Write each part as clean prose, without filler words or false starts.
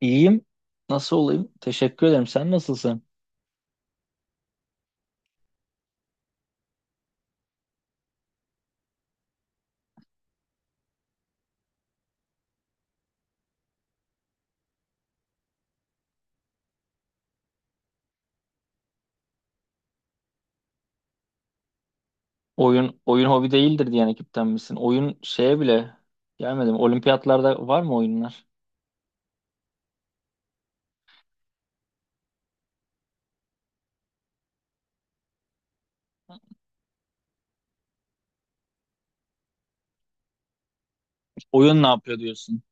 İyiyim. Nasıl olayım? Teşekkür ederim. Sen nasılsın? Oyun hobi değildir diyen ekipten misin? Oyun şeye bile gelmedim. Olimpiyatlarda var mı oyunlar? Oyun ne yapıyor diyorsun?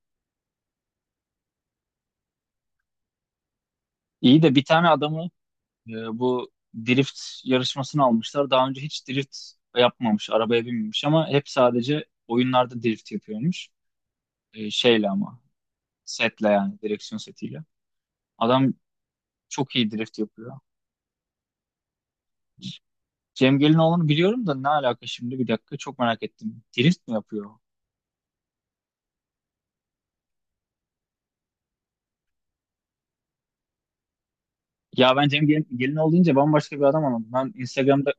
İyi de bir tane adamı bu drift yarışmasını almışlar. Daha önce hiç drift yapmamış, arabaya binmemiş ama hep sadece oyunlarda drift yapıyormuş. Şeyle ama setle, yani direksiyon setiyle. Adam çok iyi drift yapıyor. Cem Gelinoğlu'nu biliyorum da ne alaka şimdi, bir dakika, çok merak ettim. Drift mi yapıyor? Ya ben Cem Gelinoğlu deyince bambaşka bir adam anladım. Ben Instagram'da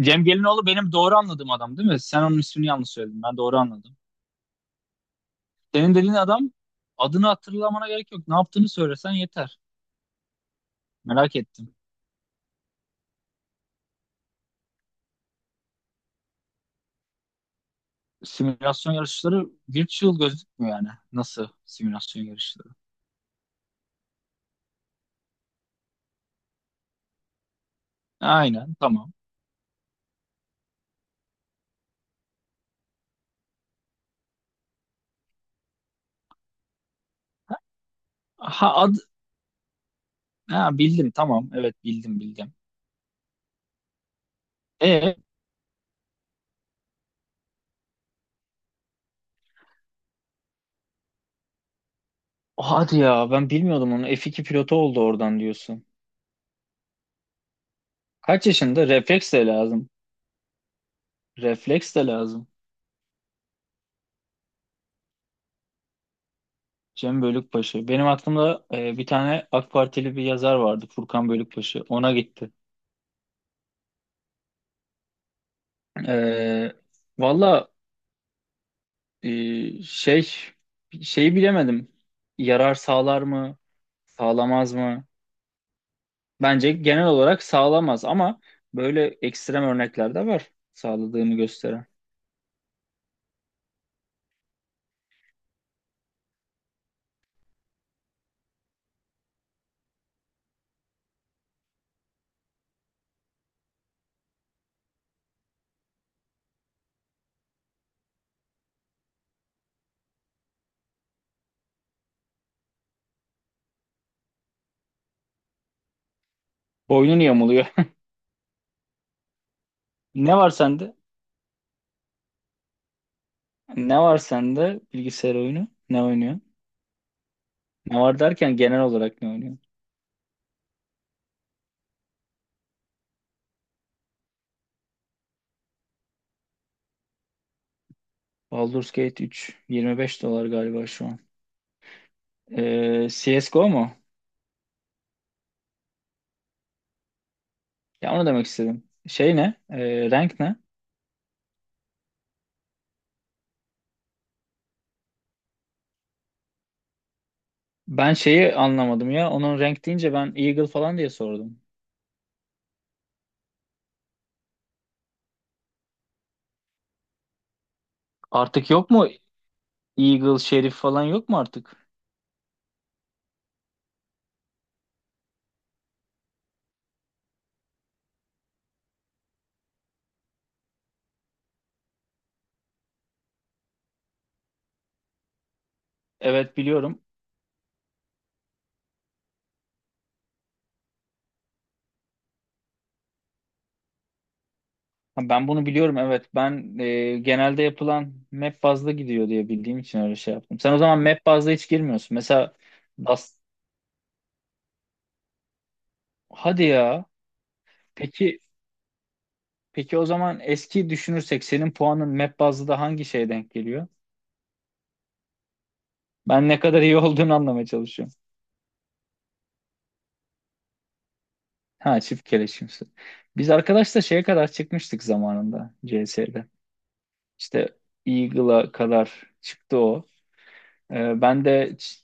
Cem Gelinoğlu benim doğru anladığım adam değil mi? Sen onun ismini yanlış söyledin. Ben doğru anladım. Senin dediğin adam, adını hatırlamana gerek yok. Ne yaptığını söylesen yeter. Merak ettim. Simülasyon yarışları virtual gözükmüyor yani. Nasıl simülasyon yarışları? Aynen, tamam. Ha, ha, bildim, tamam. Evet, bildim bildim. E hadi ya, ben bilmiyordum onu. F2 pilotu oldu oradan diyorsun. Kaç yaşında? Refleks de lazım. Refleks de lazım. Cem Bölükbaşı. Benim aklımda bir tane AK Partili bir yazar vardı, Furkan Bölükbaşı. Ona gitti. E, valla, e, şey şeyi bilemedim. Yarar sağlar mı? Sağlamaz mı? Bence genel olarak sağlamaz ama böyle ekstrem örnekler de var, sağladığını gösteren. Boynun yamuluyor. Ne var sende? Ne var sende bilgisayar oyunu? Ne oynuyor? Ne var derken genel olarak ne oynuyor? Baldur's Gate 3 25 dolar galiba şu an. CSGO mu? Ya onu demek istedim. Şey ne? Rank ne? Ben şeyi anlamadım ya. Onun rank deyince ben Eagle falan diye sordum. Artık yok mu Eagle, Şerif falan yok mu artık? Evet, biliyorum. Ha, ben bunu biliyorum, evet. Ben genelde yapılan map bazlı gidiyor diye bildiğim için öyle şey yaptım. Sen o zaman map bazlı hiç girmiyorsun. Mesela Dust. Hadi ya. Peki peki, o zaman eski düşünürsek senin puanın map bazlı da hangi şeye denk geliyor? Ben ne kadar iyi olduğunu anlamaya çalışıyorum. Ha, çift keleşimsi. Biz arkadaşla şeye kadar çıkmıştık zamanında CS'de. İşte Eagle'a kadar çıktı o. Ben de ç-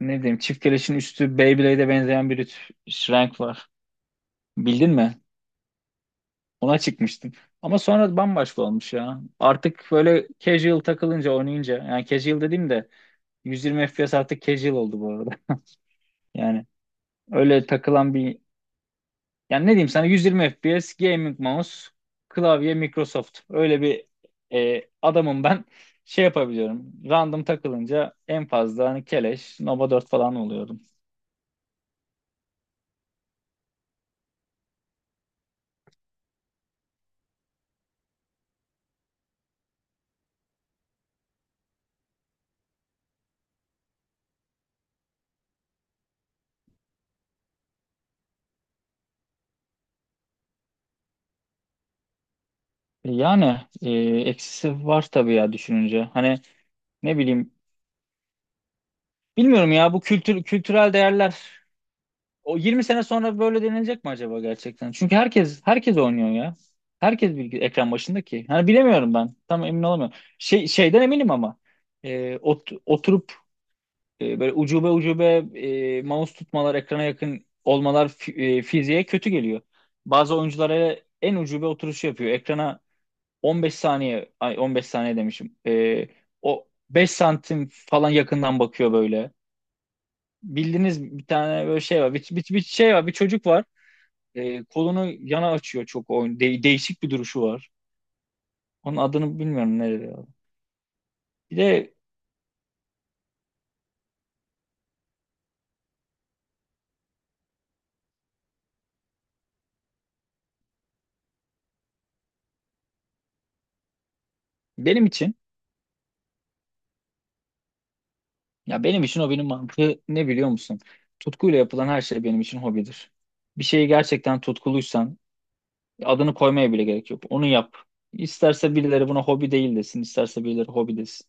ne diyeyim, çift keleşin üstü Beyblade'e benzeyen bir renk var. Bildin mi? Ona çıkmıştım. Ama sonra bambaşka olmuş ya. Artık böyle casual takılınca, oynayınca, yani casual dediğim de 120 FPS artık casual oldu bu arada. Yani öyle takılan bir Yani ne diyeyim sana, 120 FPS gaming mouse, klavye, Microsoft. Öyle bir adamım ben. Şey yapabiliyorum. Random takılınca en fazla hani keleş Nova 4 falan oluyordum. Yani, eksisi var tabii ya, düşününce. Hani ne bileyim, bilmiyorum ya, bu kültürel değerler o 20 sene sonra böyle denilecek mi acaba gerçekten? Çünkü herkes oynuyor ya. Herkes bir ekran başında ki. Hani bilemiyorum ben. Tam emin olamıyorum. Şeyden eminim ama. Oturup böyle ucube ucube mouse tutmalar, ekrana yakın olmalar, fiziğe kötü geliyor. Bazı oyunculara en ucube oturuşu yapıyor. Ekrana 15 saniye, ay, 15 saniye demişim. O 5 santim falan yakından bakıyor böyle. Bildiğiniz bir tane böyle şey var. Bir şey var, bir çocuk var. Kolunu yana açıyor çok oyun. Değişik bir duruşu var. Onun adını bilmiyorum nerede ya. Bir de benim için Ya, benim için hobinin mantığı ne, biliyor musun? Tutkuyla yapılan her şey benim için hobidir. Bir şeyi gerçekten tutkuluysan adını koymaya bile gerek yok. Onu yap. İsterse birileri buna hobi değil desin, isterse birileri hobi desin.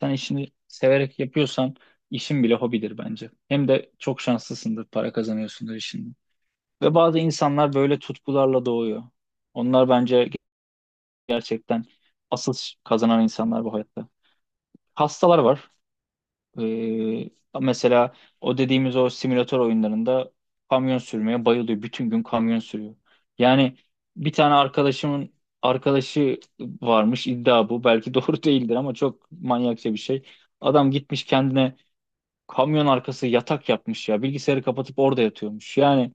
Sen işini severek yapıyorsan işin bile hobidir bence. Hem de çok şanslısındır, para kazanıyorsundur işinden. Ve bazı insanlar böyle tutkularla doğuyor. Onlar bence gerçekten asıl kazanan insanlar bu hayatta. Hastalar var. Ee, mesela o dediğimiz o simülatör oyunlarında kamyon sürmeye bayılıyor. Bütün gün kamyon sürüyor. Yani bir tane arkadaşımın arkadaşı varmış, iddia bu. Belki doğru değildir ama çok manyakça bir şey. Adam gitmiş kendine kamyon arkası yatak yapmış ya. Bilgisayarı kapatıp orada yatıyormuş. Yani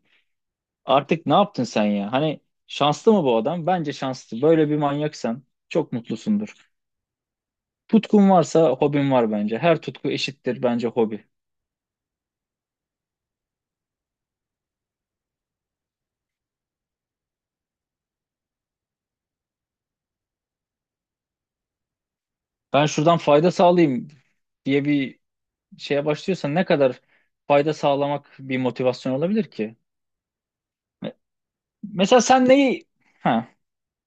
artık ne yaptın sen ya? Hani şanslı mı bu adam? Bence şanslı. Böyle bir manyaksan çok mutlusundur. Tutkun varsa hobin var bence. Her tutku eşittir bence hobi. Ben şuradan fayda sağlayayım diye bir şeye başlıyorsan ne kadar fayda sağlamak bir motivasyon olabilir ki? Me- Mesela sen neyi... Ha,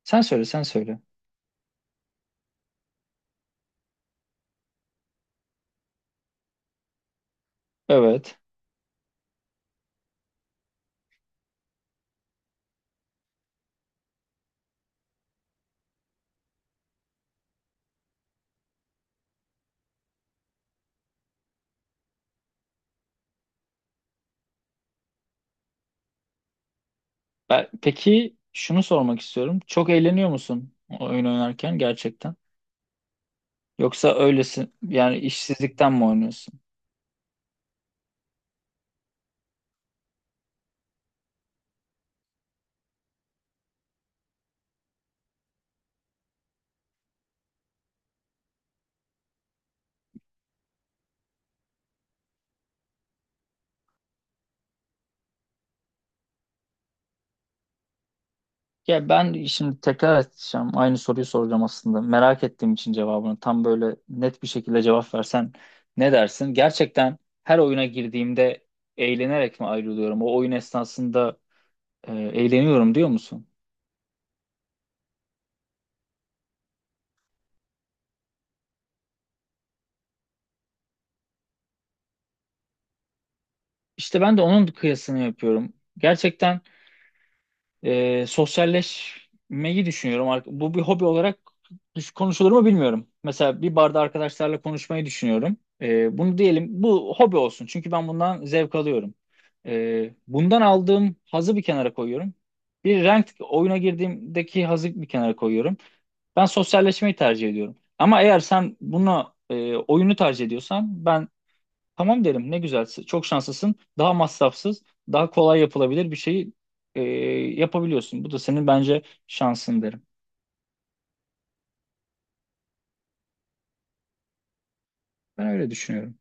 sen söyle, sen söyle. Evet. Peki şunu sormak istiyorum. Çok eğleniyor musun o oyun oynarken gerçekten? Yoksa öylesin, yani işsizlikten mi oynuyorsun? Ya ben şimdi tekrar edeceğim. Aynı soruyu soracağım aslında. Merak ettiğim için cevabını tam böyle net bir şekilde cevap versen ne dersin? Gerçekten, her oyuna girdiğimde eğlenerek mi ayrılıyorum? O oyun esnasında eğleniyorum diyor musun? İşte ben de onun kıyasını yapıyorum. Gerçekten, sosyalleşmeyi düşünüyorum. Bu bir hobi olarak konuşulur mu bilmiyorum. Mesela bir barda arkadaşlarla konuşmayı düşünüyorum. Bunu diyelim, bu hobi olsun. Çünkü ben bundan zevk alıyorum. Bundan aldığım hazı bir kenara koyuyorum. Bir ranked oyuna girdiğimdeki hazı bir kenara koyuyorum. Ben sosyalleşmeyi tercih ediyorum. Ama eğer sen bunu oyunu tercih ediyorsan ben tamam derim, ne güzel, çok şanslısın, daha masrafsız, daha kolay yapılabilir bir şeyi e, yapabiliyorsun. Bu da senin bence şansın derim. Ben öyle düşünüyorum.